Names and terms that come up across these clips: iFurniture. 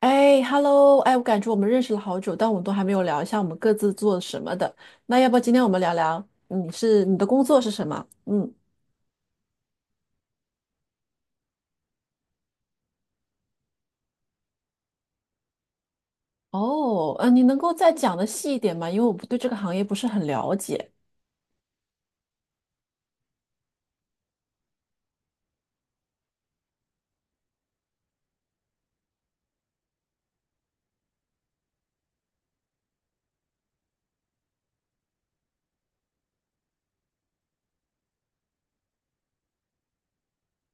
哎，Hello，哎，我感觉我们认识了好久，但我们都还没有聊一下我们各自做什么的。那要不今天我们聊聊，你的工作是什么？嗯。哦，你能够再讲的细一点吗？因为我不对这个行业不是很了解。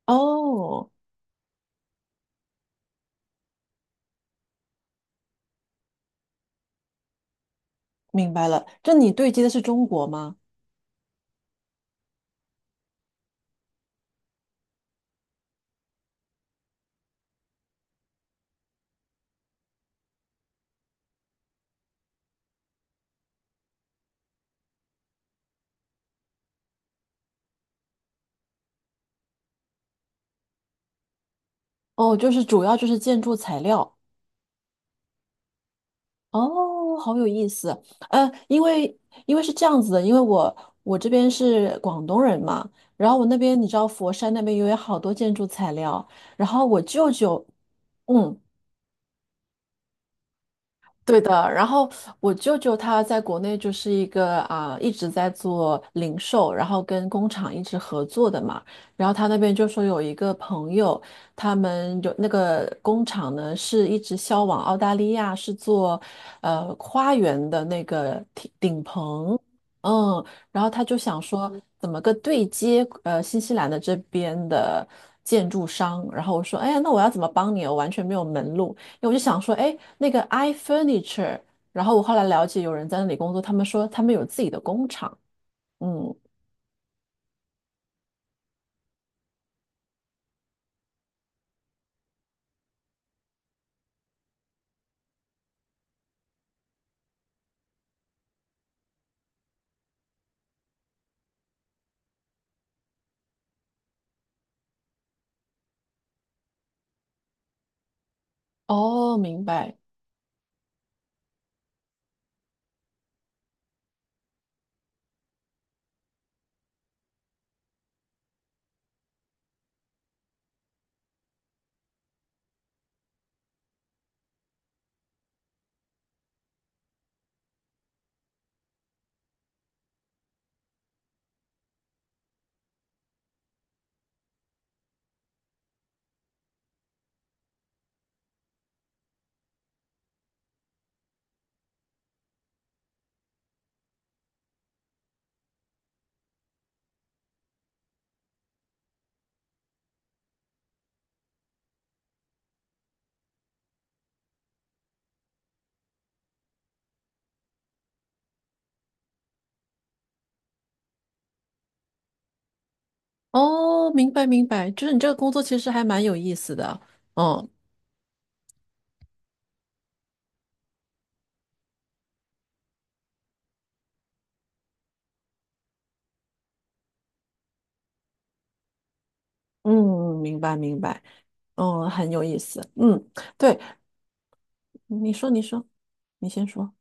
哦，明白了，这你对接的是中国吗？哦，就是主要就是建筑材料。哦，好有意思。呃，因为因为是这样子的，因为我这边是广东人嘛，然后我那边你知道佛山那边有好多建筑材料，然后我舅舅，嗯，对的，然后我舅舅他在国内就是一个啊、一直在做零售，然后跟工厂一直合作的嘛。然后他那边就说有一个朋友，他们有那个工厂呢是一直销往澳大利亚，是做花园的那个顶棚，嗯，然后他就想说怎么个对接新西兰的这边的建筑商，然后我说哎呀，那我要怎么帮你？我完全没有门路。我就想说，哎，那个 iFurniture，然后我后来了解有人在那里工作，他们说他们有自己的工厂。嗯，哦，明白。哦，明白，明白，就是你这个工作其实还蛮有意思的。嗯嗯，明白明白，嗯，很有意思。嗯，对，你说，你先说。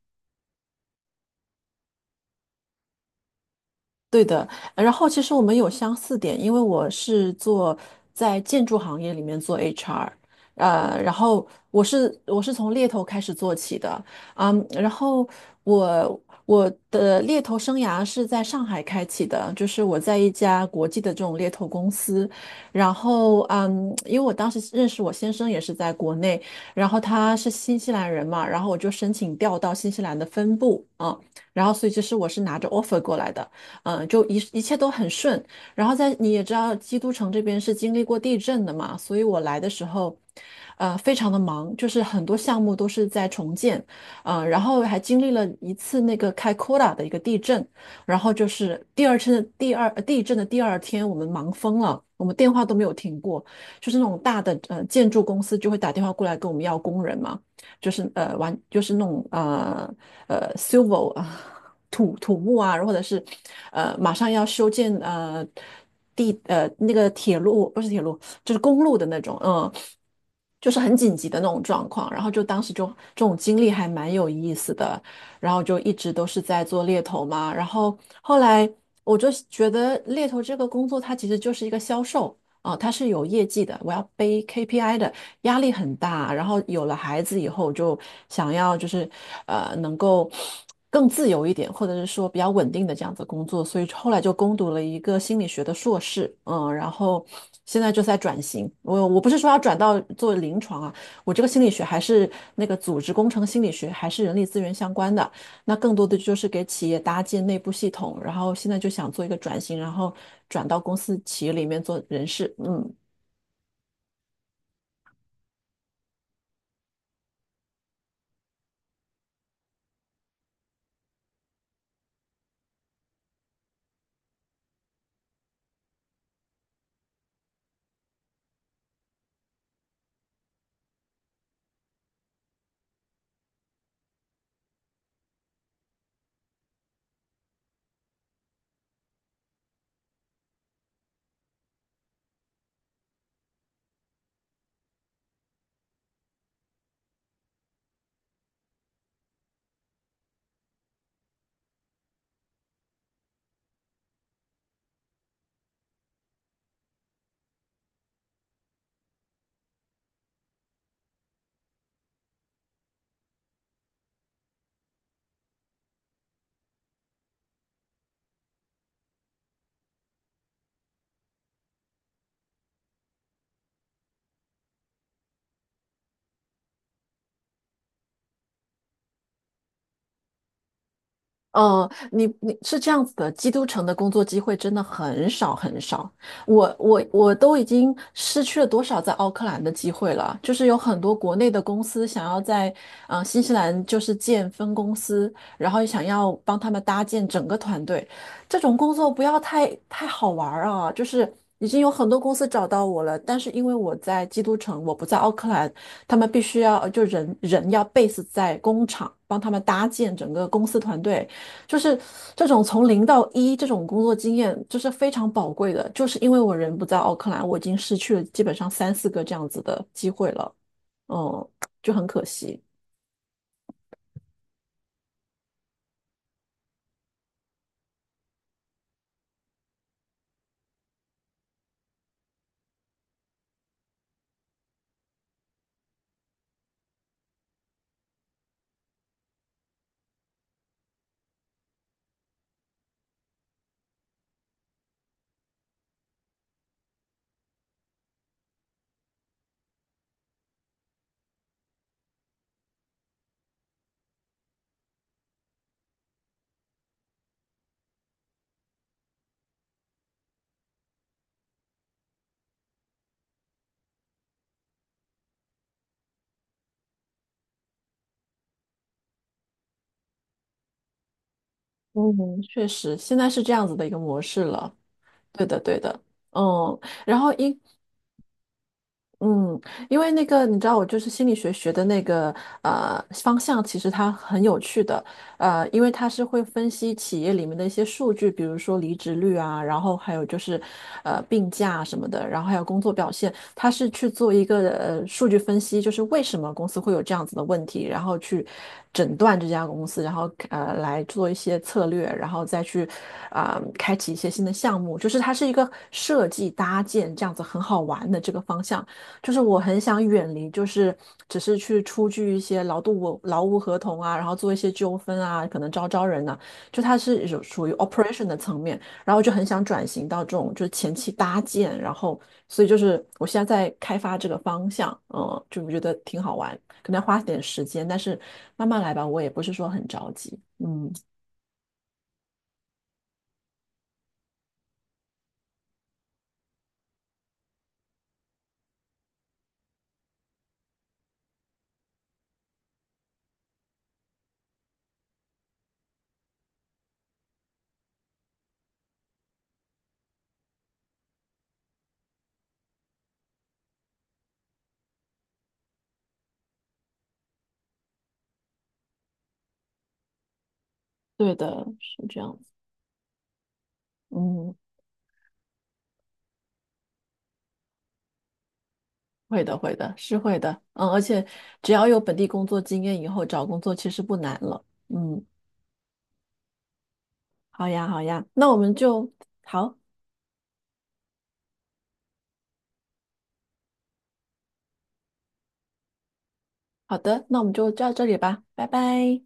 对的，然后其实我们有相似点，因为我是做在建筑行业里面做 HR，呃，然后我是从猎头开始做起的，嗯，然后我我的猎头生涯是在上海开启的，就是我在一家国际的这种猎头公司，然后嗯，因为我当时认识我先生也是在国内，然后他是新西兰人嘛，然后我就申请调到新西兰的分部啊，然后所以其实我是拿着 offer 过来的。一切都很顺。然后在你也知道，基督城这边是经历过地震的嘛，所以我来的时候，呃，非常的忙，就是很多项目都是在重建，呃，然后还经历了一次那个开库拉的一个地震，然后就是第二次第二呃地震的第二天，我们忙疯了，我们电话都没有停过，就是那种大的建筑公司就会打电话过来跟我们要工人嘛，就是呃完就是那种civil 啊。土木啊，或者是马上要修建呃地呃那个铁路不是铁路就是公路的那种，嗯，就是很紧急的那种状况。然后就当时就这种经历还蛮有意思的，然后就一直都是在做猎头嘛。然后后来我就觉得猎头这个工作它其实就是一个销售。哦，他是有业绩的，我要背 KPI 的，压力很大。然后有了孩子以后，就想要就是呃能够更自由一点，或者是说比较稳定的这样子工作，所以后来就攻读了一个心理学的硕士，嗯，然后现在就在转型。我不是说要转到做临床啊，我这个心理学还是那个组织工程心理学，还是人力资源相关的。那更多的就是给企业搭建内部系统，然后现在就想做一个转型，然后转到公司企业里面做人事。嗯。呃，你你是这样子的，基督城的工作机会真的很少很少。我都已经失去了多少在奥克兰的机会了？就是有很多国内的公司想要在新西兰就是建分公司，然后想要帮他们搭建整个团队。这种工作不要太好玩儿啊！就是已经有很多公司找到我了，但是因为我在基督城，我不在奥克兰，他们必须要人人要 base 在工厂，帮他们搭建整个公司团队。就是这种从零到一这种工作经验，就是非常宝贵的。就是因为我人不在奥克兰，我已经失去了基本上三四个这样子的机会了，嗯，就很可惜。嗯确实，现在是这样子的一个模式了。对的，对的，嗯。然后一。嗯，因为那个你知道，我就是心理学学的那个方向，其实它很有趣的，呃，因为它是会分析企业里面的一些数据，比如说离职率啊，然后还有就是病假什么的，然后还有工作表现，它是去做一个数据分析，就是为什么公司会有这样子的问题，然后去诊断这家公司，然后来做一些策略，然后再去啊、开启一些新的项目，就是它是一个设计搭建这样子很好玩的这个方向。就是我很想远离，就是只是去出具一些劳动我劳务合同啊，然后做一些纠纷啊，可能招人呐、就它是有属于 operation 的层面，然后我就很想转型到这种就是前期搭建，然后所以就是我现在在开发这个方向，嗯，就我觉得挺好玩，可能要花点时间，但是慢慢来吧，我也不是说很着急，嗯，对的，是这样子，嗯。会的，会的，是会的，嗯，而且只要有本地工作经验，以后找工作其实不难了。嗯，好呀，好呀，那我们就好，好的，那我们就到这里吧，拜拜。